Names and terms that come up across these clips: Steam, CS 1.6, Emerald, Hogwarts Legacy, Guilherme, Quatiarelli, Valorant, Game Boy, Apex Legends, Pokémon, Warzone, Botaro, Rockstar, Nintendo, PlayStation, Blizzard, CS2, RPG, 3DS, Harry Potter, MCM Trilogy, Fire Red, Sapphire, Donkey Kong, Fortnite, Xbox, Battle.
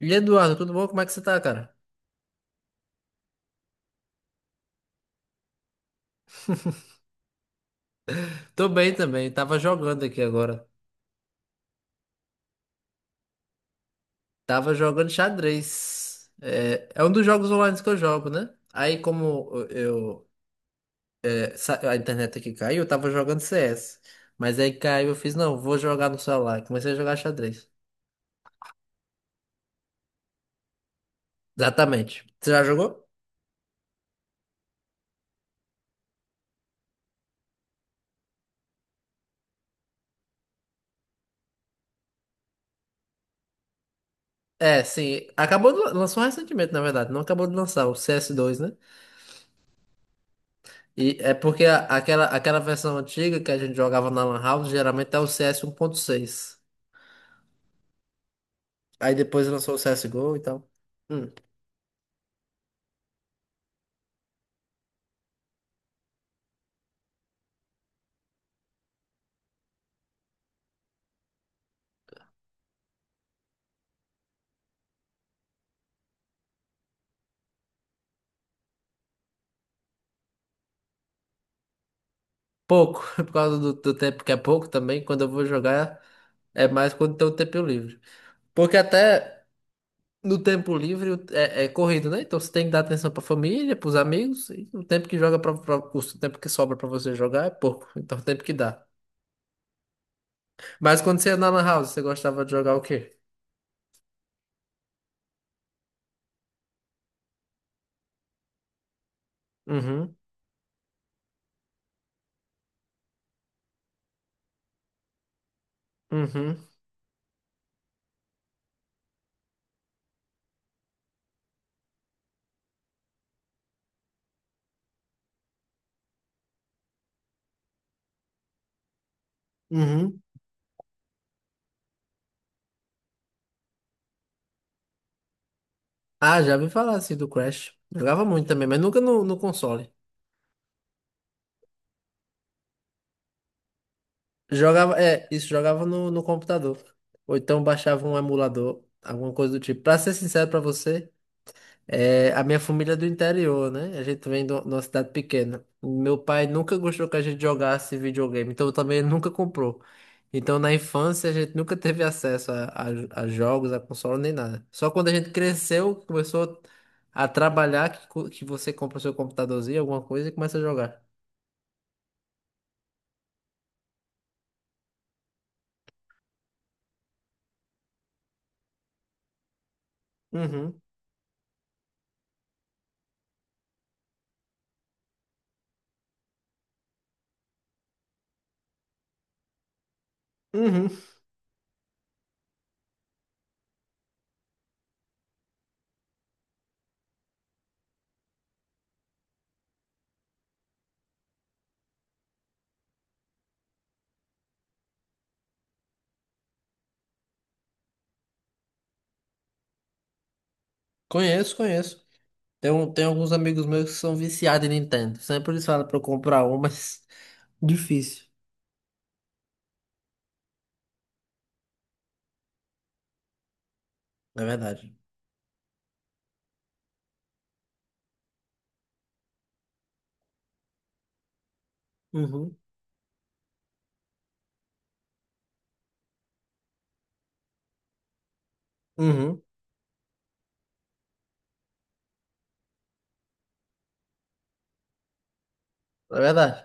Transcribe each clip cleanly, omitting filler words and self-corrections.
Eduardo, tudo bom? Como é que você tá, cara? Tô bem também, tava jogando aqui agora. Tava jogando xadrez. É um dos jogos online que eu jogo, né? Aí como eu, é, sa- A internet aqui caiu, eu tava jogando CS. Mas aí caiu, eu fiz, não, vou jogar no celular. E comecei a jogar xadrez. Exatamente. Você já jogou? É, sim. Acabou lançou recentemente, na verdade. Não acabou de lançar, o CS2, né? E é porque aquela versão antiga que a gente jogava na Lan House geralmente é o CS 1.6. Aí depois lançou o CSGO e tal. Hum, pouco, por causa do tempo que é pouco também. Quando eu vou jogar, é mais quando tem o tempo livre. Porque até no tempo livre é corrido, né? Então você tem que dar atenção pra família, pros amigos. E o tempo que joga o tempo que sobra pra você jogar é pouco. Então o tempo que dá. Mas quando você ia na Lan House, você gostava de jogar o quê? Uhum, uhum, uhum. Ah, já ouvi falar assim do Crash. Jogava muito também, mas nunca no console. Jogava, é, isso jogava no computador. Ou então baixava um emulador, alguma coisa do tipo. Pra ser sincero pra você, a minha família é do interior, né? A gente vem de uma cidade pequena. Meu pai nunca gostou que a gente jogasse videogame, então também ele nunca comprou. Então na infância a gente nunca teve acesso a jogos, a console, nem nada. Só quando a gente cresceu, começou a trabalhar, que você compra o seu computadorzinho, alguma coisa e começa a jogar. Uhum, uhum. Conheço, conheço. Tem alguns amigos meus que são viciados em Nintendo. Sempre eles falam pra eu comprar um, mas difícil. É verdade. Uhum. Uhum. É verdade.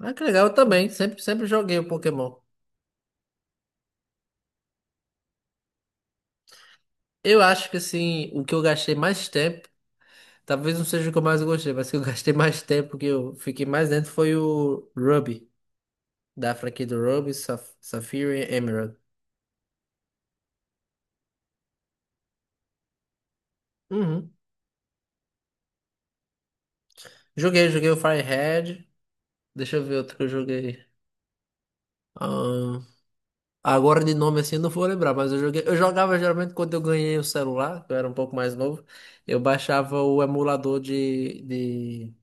Ah, que legal, eu também. Sempre, sempre joguei o Pokémon. Eu acho que assim, o que eu gastei mais tempo, talvez não seja o que eu mais gostei, mas que eu gastei mais tempo, que eu fiquei mais dentro, foi o Ruby, da franquia do Ruby, Sapphire e Emerald. Uhum. Joguei o Fire Red. Deixa eu ver outro que eu joguei. Agora de nome assim eu não vou lembrar, mas eu jogava geralmente quando eu ganhei o celular, que eu era um pouco mais novo, eu baixava o emulador de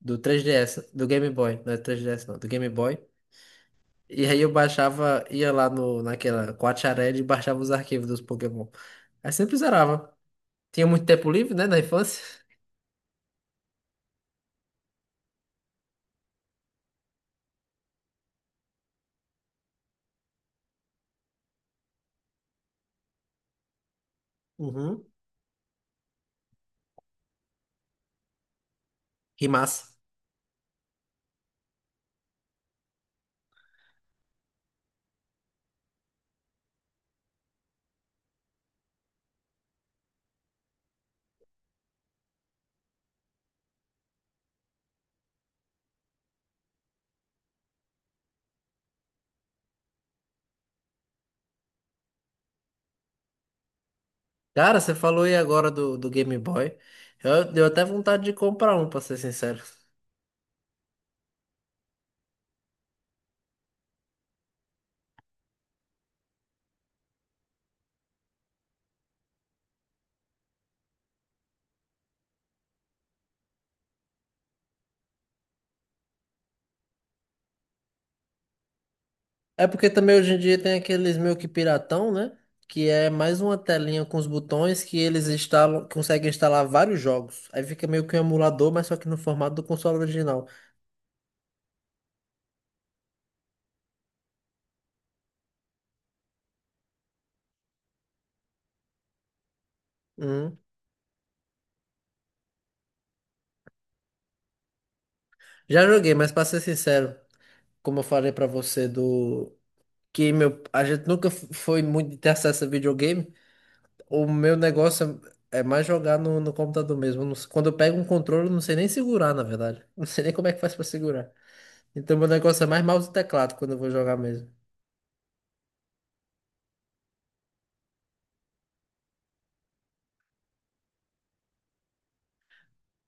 do 3DS, do Game Boy, não é 3DS não, do Game Boy. E aí eu baixava, ia lá no naquela Quatiarelli e baixava os arquivos dos Pokémon. Aí sempre zerava. Tinha muito tempo livre, né, na infância. Uhum. Que massa. Cara, você falou aí agora do Game Boy. Deu até vontade de comprar um, pra ser sincero. É porque também hoje em dia tem aqueles meio que piratão, né? Que é mais uma telinha com os botões que eles instalam, conseguem instalar vários jogos. Aí fica meio que um emulador, mas só que no formato do console original. Hum. Já joguei, mas pra ser sincero, como eu falei pra você a gente nunca foi muito de ter acesso a videogame. O meu negócio é mais jogar no computador mesmo. Eu não sei- Quando eu pego um controle, eu não sei nem segurar, na verdade. Não sei nem como é que faz pra segurar. Então meu negócio é mais mouse e teclado quando eu vou jogar mesmo.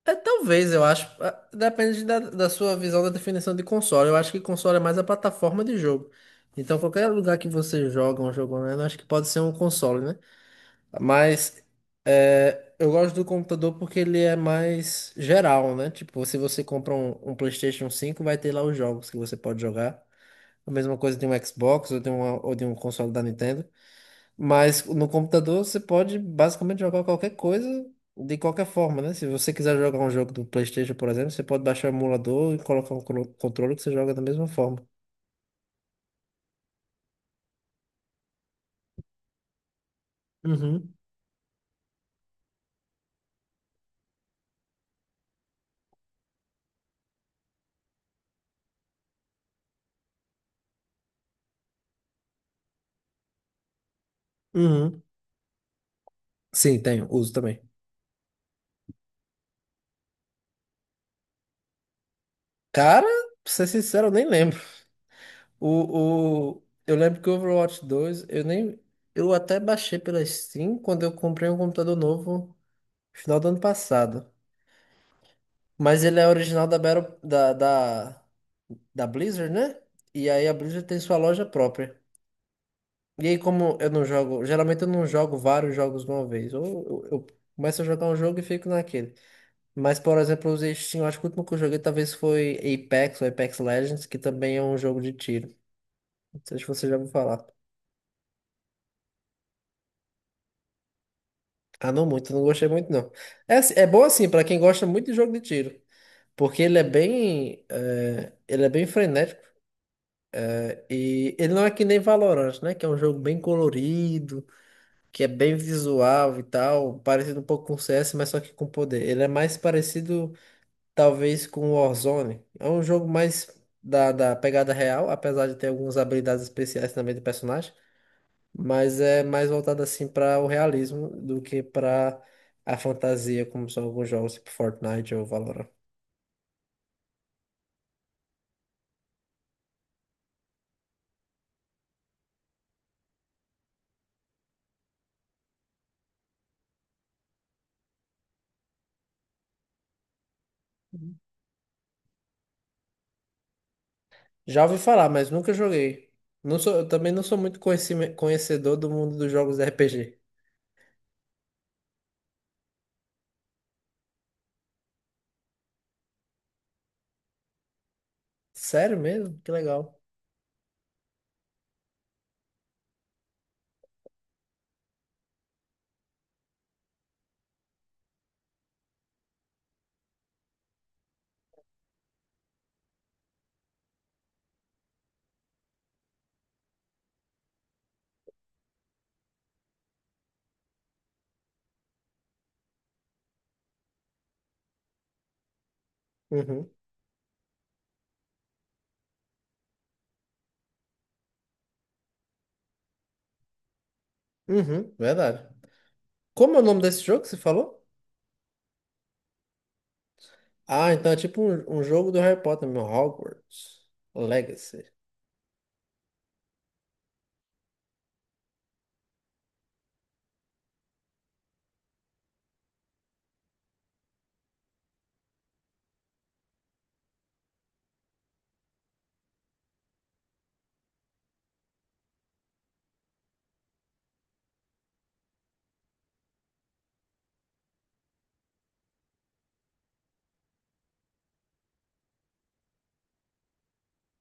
É, talvez, eu acho. Depende da sua visão da definição de console. Eu acho que console é mais a plataforma de jogo. Então, qualquer lugar que você joga um jogo online, eu acho que pode ser um console, né? Mas eu gosto do computador porque ele é mais geral, né? Tipo, se você compra um PlayStation 5, vai ter lá os jogos que você pode jogar. A mesma coisa de um Xbox ou ou de um console da Nintendo. Mas no computador você pode basicamente jogar qualquer coisa de qualquer forma, né? Se você quiser jogar um jogo do PlayStation, por exemplo, você pode baixar o emulador e colocar um controle que você joga da mesma forma. Uhum, uhum. Sim, tenho, uso também. Cara, pra ser sincero, eu nem lembro. Eu lembro que o Overwatch 2, eu nem. Eu até baixei pela Steam quando eu comprei um computador novo no final do ano passado. Mas ele é original da Battle, da, da, da Blizzard, né? E aí a Blizzard tem sua loja própria. E aí, como eu não jogo, geralmente eu não jogo vários jogos de uma vez. Ou eu começo a jogar um jogo e fico naquele. Mas, por exemplo, eu usei Steam, eu acho que o último que eu joguei talvez foi Apex, ou Apex Legends, que também é um jogo de tiro. Não sei se você já ouviu falar. Ah, não muito, não gostei muito, não. É bom assim, pra quem gosta muito de jogo de tiro. Porque ele é bem frenético. E ele não é que nem Valorant, né? Que é um jogo bem colorido, que é bem visual e tal, parecido um pouco com CS, mas só que com poder. Ele é mais parecido, talvez, com Warzone. É um jogo mais da pegada real, apesar de ter algumas habilidades especiais também do personagem, mas é mais voltado assim para o realismo do que para a fantasia, como são alguns jogos tipo Fortnite ou Valorant. Já ouvi falar, mas nunca joguei. Eu também não sou muito conhecedor do mundo dos jogos RPG. Sério mesmo? Que legal. Uhum. Uhum, verdade. Como é o nome desse jogo que você falou? Ah, então é tipo um jogo do Harry Potter, meu Hogwarts Legacy.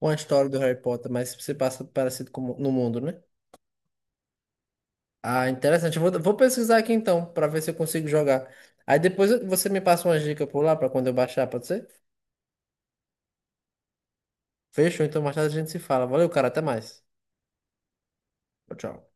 Uma história do Harry Potter, mas se passa parecido no mundo, né? Ah, interessante. Eu vou pesquisar aqui então, pra ver se eu consigo jogar. Aí depois você me passa uma dica por lá pra quando eu baixar, pode ser? Fechou, então mais tarde a gente se fala. Valeu, cara, até mais. Tchau, tchau.